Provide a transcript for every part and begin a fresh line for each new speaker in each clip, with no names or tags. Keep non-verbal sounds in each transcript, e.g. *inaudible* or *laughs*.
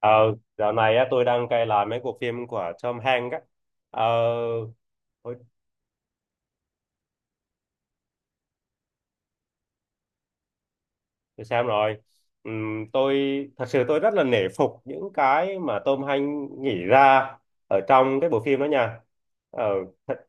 Ờ, Dạo này á, tôi đang cày lại mấy cuộc phim của Tom Hanks á. Ờ, tôi, tôi xem rồi. Tôi Thật sự tôi rất là nể phục những cái mà Tom Hanks nghĩ ra ở trong cái bộ phim đó nha. Ờ, thật,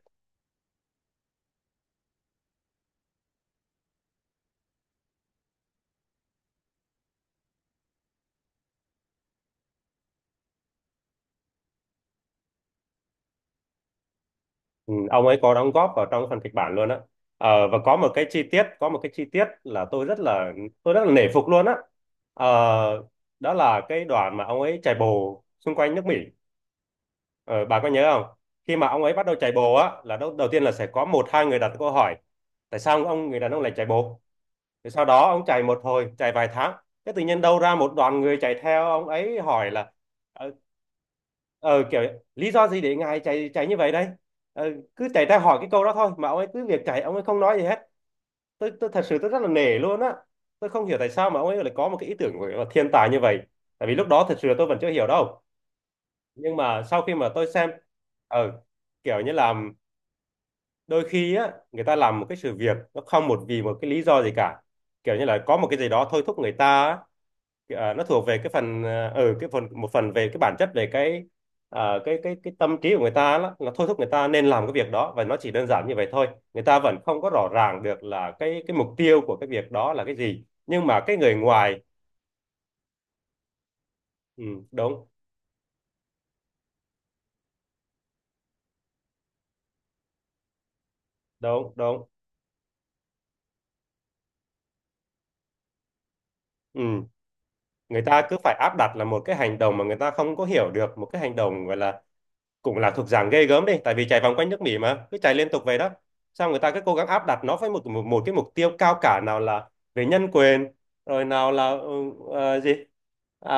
ông ấy có đóng góp vào trong phần kịch bản luôn á. Ờ, và có một cái chi tiết là tôi rất là nể phục luôn á. Ờ, đó là cái đoạn mà ông ấy chạy bộ xung quanh nước Mỹ. Ờ, bà có nhớ không? Khi mà ông ấy bắt đầu chạy bộ á, là đầu tiên là sẽ có một hai người đặt câu hỏi tại sao ông người đàn ông lại chạy bộ? Rồi sau đó ông chạy một hồi, chạy vài tháng, cái tự nhiên đâu ra một đoàn người chạy theo ông ấy hỏi là ờ, ờ, kiểu lý do gì để ngài chạy chạy như vậy đây? Ờ, cứ chạy ra hỏi cái câu đó thôi mà ông ấy cứ việc chạy ông ấy không nói gì hết. Tôi thật sự tôi rất là nể luôn á. Tôi không hiểu tại sao mà ông ấy lại có một cái ý tưởng gọi là thiên tài như vậy. Tại vì lúc đó thật sự là tôi vẫn chưa hiểu đâu. Nhưng mà sau khi mà tôi xem, ờ, kiểu như là đôi khi á người ta làm một cái sự việc nó không vì một cái lý do gì cả, kiểu như là có một cái gì đó thôi thúc người ta á. Ờ, nó thuộc về cái phần, một phần về cái bản chất, về cái ờ, cái tâm trí của người ta đó, là thôi thúc người ta nên làm cái việc đó, và nó chỉ đơn giản như vậy thôi. Người ta vẫn không có rõ ràng được là cái mục tiêu của cái việc đó là cái gì, nhưng mà cái người ngoài, ừ, đúng đúng đúng, ừ, người ta cứ phải áp đặt là một cái hành động mà người ta không có hiểu được, một cái hành động gọi là cũng là thuộc dạng ghê gớm đi, tại vì chạy vòng quanh nước Mỹ mà cứ chạy liên tục vậy đó, xong người ta cứ cố gắng áp đặt nó với một một, một cái mục tiêu cao cả, nào là về nhân quyền, rồi nào là ừ, ờ, gì à,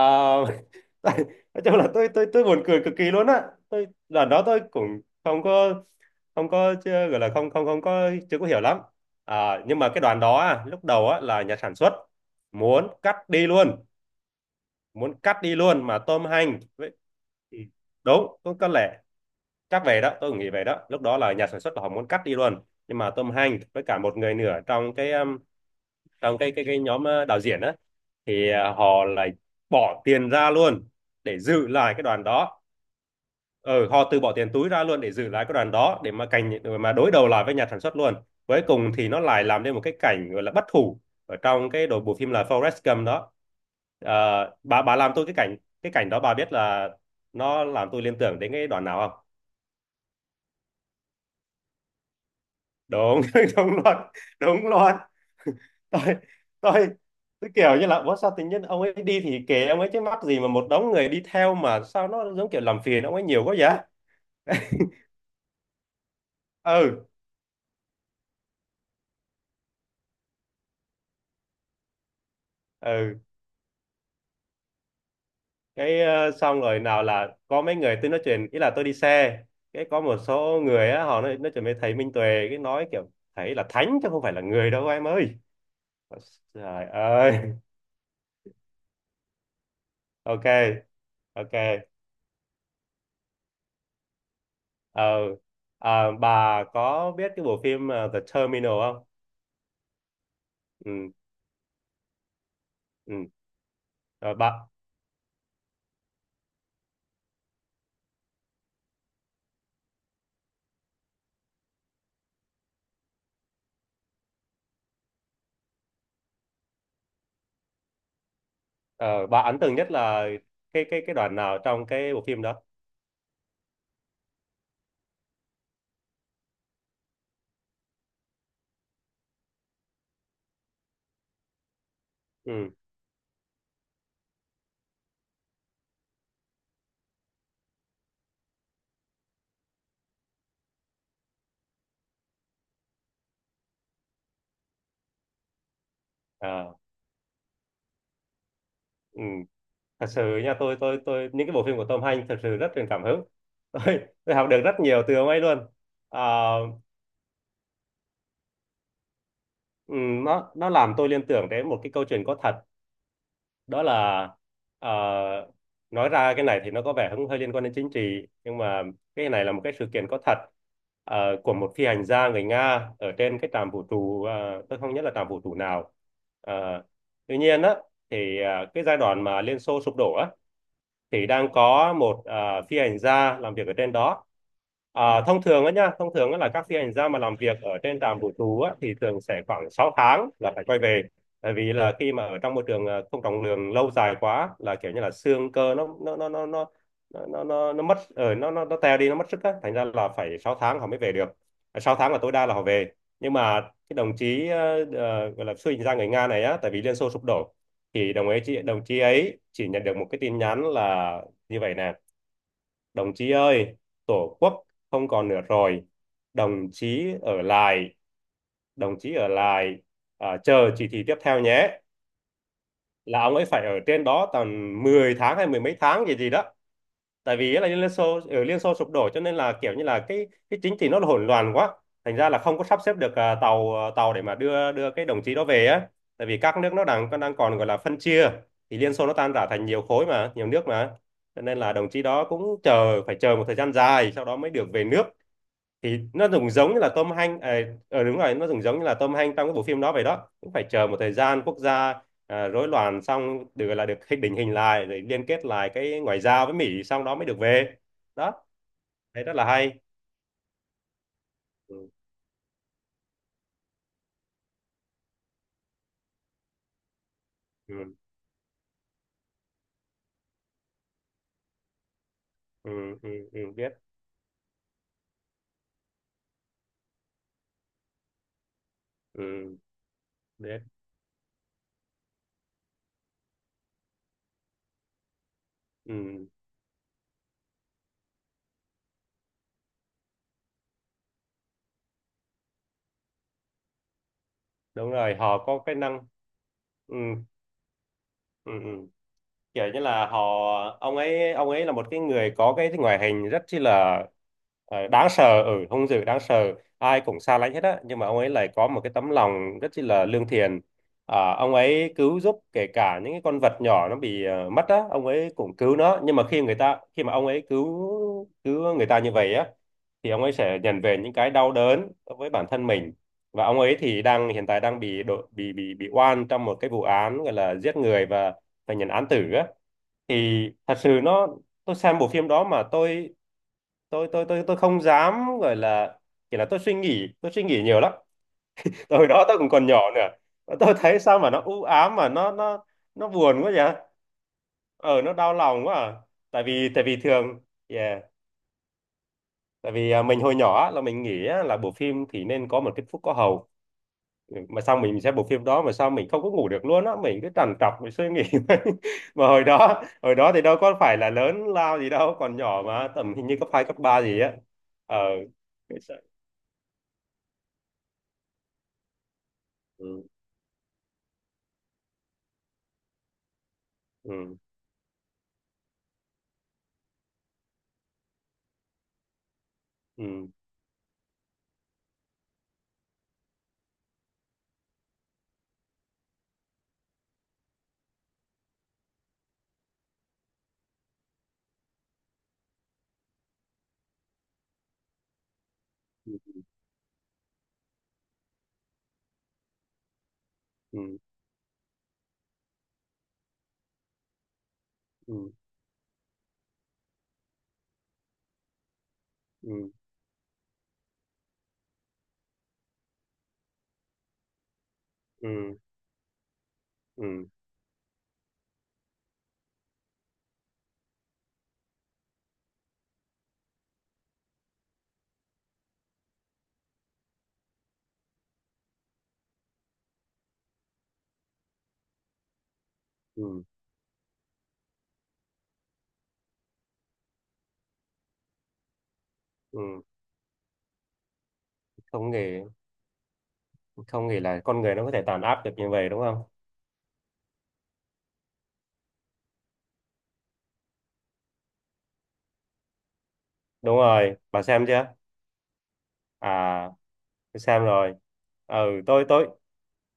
*laughs* tại- nói chung là tôi buồn cười cực kỳ luôn á. Tôi lần đó tôi cũng không có không có chưa gọi là không không không có chưa có hiểu lắm. À, nhưng mà cái đoàn đó á, lúc đầu á, là nhà sản xuất muốn cắt đi luôn, mà đúng, có lẽ. Chắc về đó tôi cũng nghĩ về đó Lúc đó là nhà sản xuất là họ muốn cắt đi luôn, nhưng mà Tom Hanks với cả một người nữa trong cái trong cái nhóm, ờ, đạo diễn á, thì ờ, họ lại bỏ tiền ra luôn để giữ lại cái đoàn đó. Ừ, họ từ bỏ tiền túi ra luôn để giữ lại cái đoàn đó, để mà đối đầu lại với nhà sản xuất luôn. Cuối cùng thì nó lại làm nên một cái cảnh gọi là bất hủ ở trong cái đội bộ phim là Forrest Gump đó. Ờ, bà làm tôi, cái cảnh đó bà biết là nó làm tôi liên tưởng đến cái đoạn nào không? Đúng, *laughs* đúng luôn, đúng luôn. Tôi tôi tôi kiểu như là ủa sao tự nhiên ông ấy đi thì kệ ông ấy chứ, mắc gì mà một đống người đi theo mà sao nó giống kiểu làm phiền ông ấy nhiều quá vậy. *laughs* ừ ừ. Xong rồi nào là có mấy người tôi nói chuyện, ý là tôi đi xe, cái có một số người á họ nói chuyện với thầy Minh Tuệ, cái nói kiểu thầy là thánh chứ không phải là người đâu em ơi. Trời ơi. *laughs* Ok. Ok. ờ Ờ, bà có biết cái bộ phim, ờ, The Terminal không? Ừ. Ừ, rồi bà, ờ, bà ấn tượng nhất là cái đoạn nào trong cái bộ phim đó? Ừ. À. Ừ, thật sự nha, tôi những cái bộ phim của Tom Hanks thật sự rất truyền cảm hứng. *laughs* tôi tôi học được rất nhiều từ ông ấy luôn. À, ừ, nó làm tôi liên tưởng đến một cái câu chuyện có thật. Đó là, ờ, nói ra cái này thì nó có vẻ cũng hơi liên quan đến chính trị, nhưng mà cái này là một cái sự kiện có thật, ờ, của một phi hành gia người Nga ở trên cái trạm vũ trụ. Ờ, tôi không nhớ là trạm vũ trụ nào. Ờ, tuy nhiên á, thì ờ, cái giai đoạn mà Liên Xô sụp đổ á, thì đang có một, ờ, phi hành gia làm việc ở trên đó. Ờ, thông thường á nhá, thông thường á là các phi hành gia mà làm việc ở trên trạm vũ trụ á, thì thường sẽ khoảng 6 tháng là phải quay về. Tại vì là khi mà ở trong môi trường, ờ, không trọng lượng lâu dài quá là kiểu như là xương cơ nó mất ở nó teo đi, nó mất sức á, thành ra là phải 6 tháng họ mới về được. Ờ, 6 tháng là tối đa là họ về. Nhưng mà cái đồng chí, gọi là phi hành gia người Nga này á, tại vì Liên Xô sụp đổ, thì đồng chí ấy chỉ nhận được một cái tin nhắn là như vậy nè: đồng chí ơi, tổ quốc không còn nữa rồi, đồng chí ở lại đồng chí ở lại, à, chờ chỉ thị tiếp theo nhé. Là ông ấy phải ở trên đó tầm 10 tháng hay mười mấy tháng gì gì đó. Tại vì là Liên Xô sụp đổ, cho nên là kiểu như là cái chính trị nó là hỗn loạn quá, thành ra là không có sắp xếp được, à, tàu, à, tàu để mà đưa đưa cái đồng chí đó về á. Tại vì các nước nó đang đang còn gọi là phân chia, thì Liên Xô nó tan rã thành nhiều khối mà, nhiều nước mà, cho nên là đồng chí đó cũng chờ một thời gian dài sau đó mới được về nước. Thì nó cũng giống như là Tom Hanks, à, ờ, đúng rồi, nó cũng giống như là Tom Hanks trong cái bộ phim đó vậy đó, cũng phải chờ một thời gian quốc gia, à, rối loạn xong được gọi là được định hình lại rồi liên kết lại cái ngoại giao với Mỹ xong đó mới được về. Đó, thấy rất là hay. ừ, ừ, ừ, ừ, ừ, biết ừ, Biết. Ừ, đúng rồi họ có cái năng. ừ, ừ, ừ. Kiểu như là họ, ông ấy là một cái người có cái ngoại hình rất chi là, ờ, đáng sợ ở hung dữ, đáng sợ, ai cũng xa lánh hết á, nhưng mà ông ấy lại có một cái tấm lòng rất chi là lương thiện. Ờ, ông ấy cứu giúp kể cả những cái con vật nhỏ nó bị, ờ, mất á, ông ấy cũng cứu nó. Nhưng mà khi người ta khi mà ông ấy cứu cứu người ta như vậy á, thì ông ấy sẽ nhận về những cái đau đớn với bản thân mình. Và ông ấy thì đang hiện tại đang bị độ, bị oan trong một cái vụ án gọi là giết người, và phải nhận án tử á. Thì thật sự nó, tôi xem bộ phim đó mà tôi không dám gọi là, kiểu là tôi suy nghĩ nhiều lắm. *laughs* Hồi đó tôi cũng còn nhỏ nữa. Tôi thấy sao mà nó u ám mà nó buồn quá vậy. Ờ, nó đau lòng quá à. Tại vì thường, yeah, tại vì mình hồi nhỏ á, là mình nghĩ á, là bộ phim thì nên có một kết thúc có hậu. Ừ, mà sao mình xem bộ phim đó mà sao mình không có ngủ được luôn á, mình cứ trằn trọc mình suy nghĩ. *laughs* Mà hồi đó thì đâu có phải là lớn lao gì đâu, còn nhỏ mà tầm hình như cấp hai cấp ba gì á. Ờ, cái sợ- ừ, ừ, ừ, ừ, ừ, ừ, ừ, ừ, ừ, ừ, ừ. Không nghĩ, không nghĩ là con người nó có thể tàn áp được như vậy, đúng không? Đúng rồi, bà xem chưa? À, tôi xem rồi. Ừ, tôi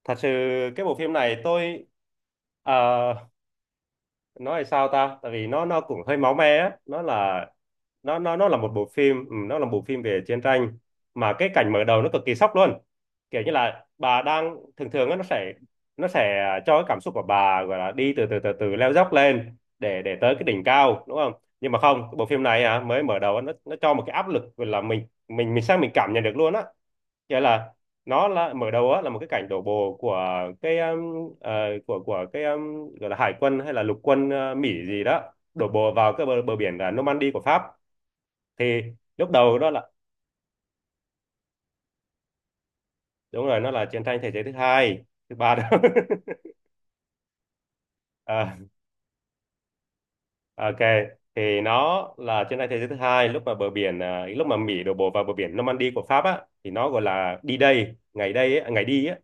thật sự cái bộ phim này tôi ờ, nói là sao ta, tại vì nó cũng hơi máu me á, nó là nó là một bộ phim, ừ, nó là một bộ phim về chiến tranh. Mà cái cảnh mở đầu nó cực kỳ sốc luôn. Kiểu như là bà đang thường thường á, nó sẽ, nó sẽ cho cái cảm xúc của bà gọi là đi từ từ từ từ leo dốc lên để tới cái đỉnh cao, đúng không? Nhưng mà không, cái bộ phim này à, mới mở đầu á, nó cho một cái áp lực gọi là mình sao mình cảm nhận được luôn á, nghĩa là nó là mở đầu á là một cái cảnh đổ bộ của cái ờ, của cái, gọi là hải quân hay là lục quân, ờ, Mỹ gì đó đổ bộ vào cái bờ, bờ biển là Normandy của Pháp. Thì lúc đầu đó là, đúng rồi, nó là chiến tranh thế giới thứ hai thứ ba đó. *laughs* Ok, thì nó là chiến tranh thế giới thứ hai, lúc mà bờ biển à, lúc mà Mỹ đổ bộ vào bờ biển Normandy của Pháp á thì nó gọi là D-Day, ngày đây á, ngày đi á.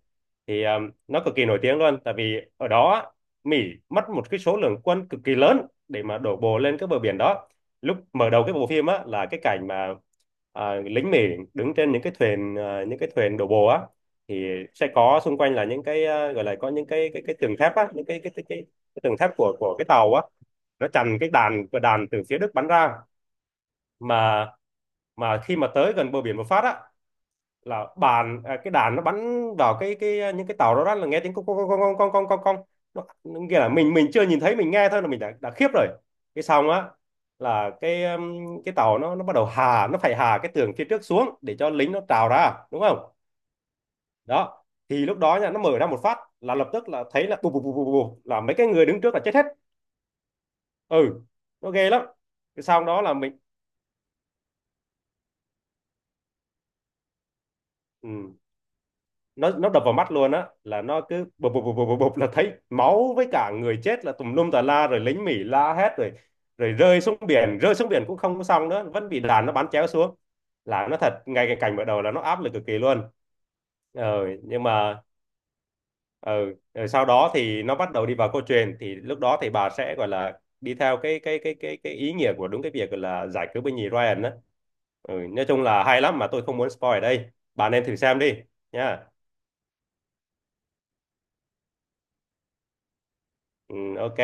Thì à, nó cực kỳ nổi tiếng luôn, tại vì ở đó á, Mỹ mất một cái số lượng quân cực kỳ lớn để mà đổ bộ lên cái bờ biển đó. Lúc mở đầu cái bộ phim á là cái cảnh mà à, lính Mỹ đứng trên những cái thuyền à, những cái thuyền đổ bộ á, thì sẽ có xung quanh là những cái à, gọi là có những cái tường thép á, những cái cái tường thép của cái tàu á, nó chặn cái đạn của đạn từ phía Đức bắn ra. mà mà khi mà tới gần bờ biển một phát á là bàn à, cái đạn nó bắn vào cái những cái tàu đó, đó là nghe tiếng con, nó nghĩa là mình chưa nhìn thấy mình nghe thôi là mình đã khiếp rồi. Cái xong á là cái tàu nó bắt đầu hà, nó phải hà cái tường phía trước xuống để cho lính nó trào ra, đúng không? Đó, thì lúc đó nha nó mở ra một phát là lập tức là thấy là bù bù bù bù bù là mấy cái người đứng trước là chết hết. Ừ, nó ghê lắm. Cái xong đó là mình, ừ, nó đập vào mắt luôn á là nó cứ bụp bụp bụp bụp bụp là thấy máu với cả người chết là tùm lum tà la, rồi lính Mỹ la hét, rồi rồi rơi xuống biển, rơi xuống biển cũng không có xong nữa, vẫn bị đàn nó bắn chéo xuống, là nó thật, ngay cái cảnh mở đầu là nó áp lực cực kỳ luôn. Ờ, nhưng mà ờ, rồi sau đó thì nó bắt đầu đi vào câu chuyện, thì lúc đó thì bà sẽ gọi là đi theo cái ý nghĩa của đúng cái việc gọi là giải cứu binh nhì Ryan đó. Ừ, nói chung là hay lắm, mà tôi không muốn spoil ở đây, bà nên thử xem đi nha. Ừ, ok.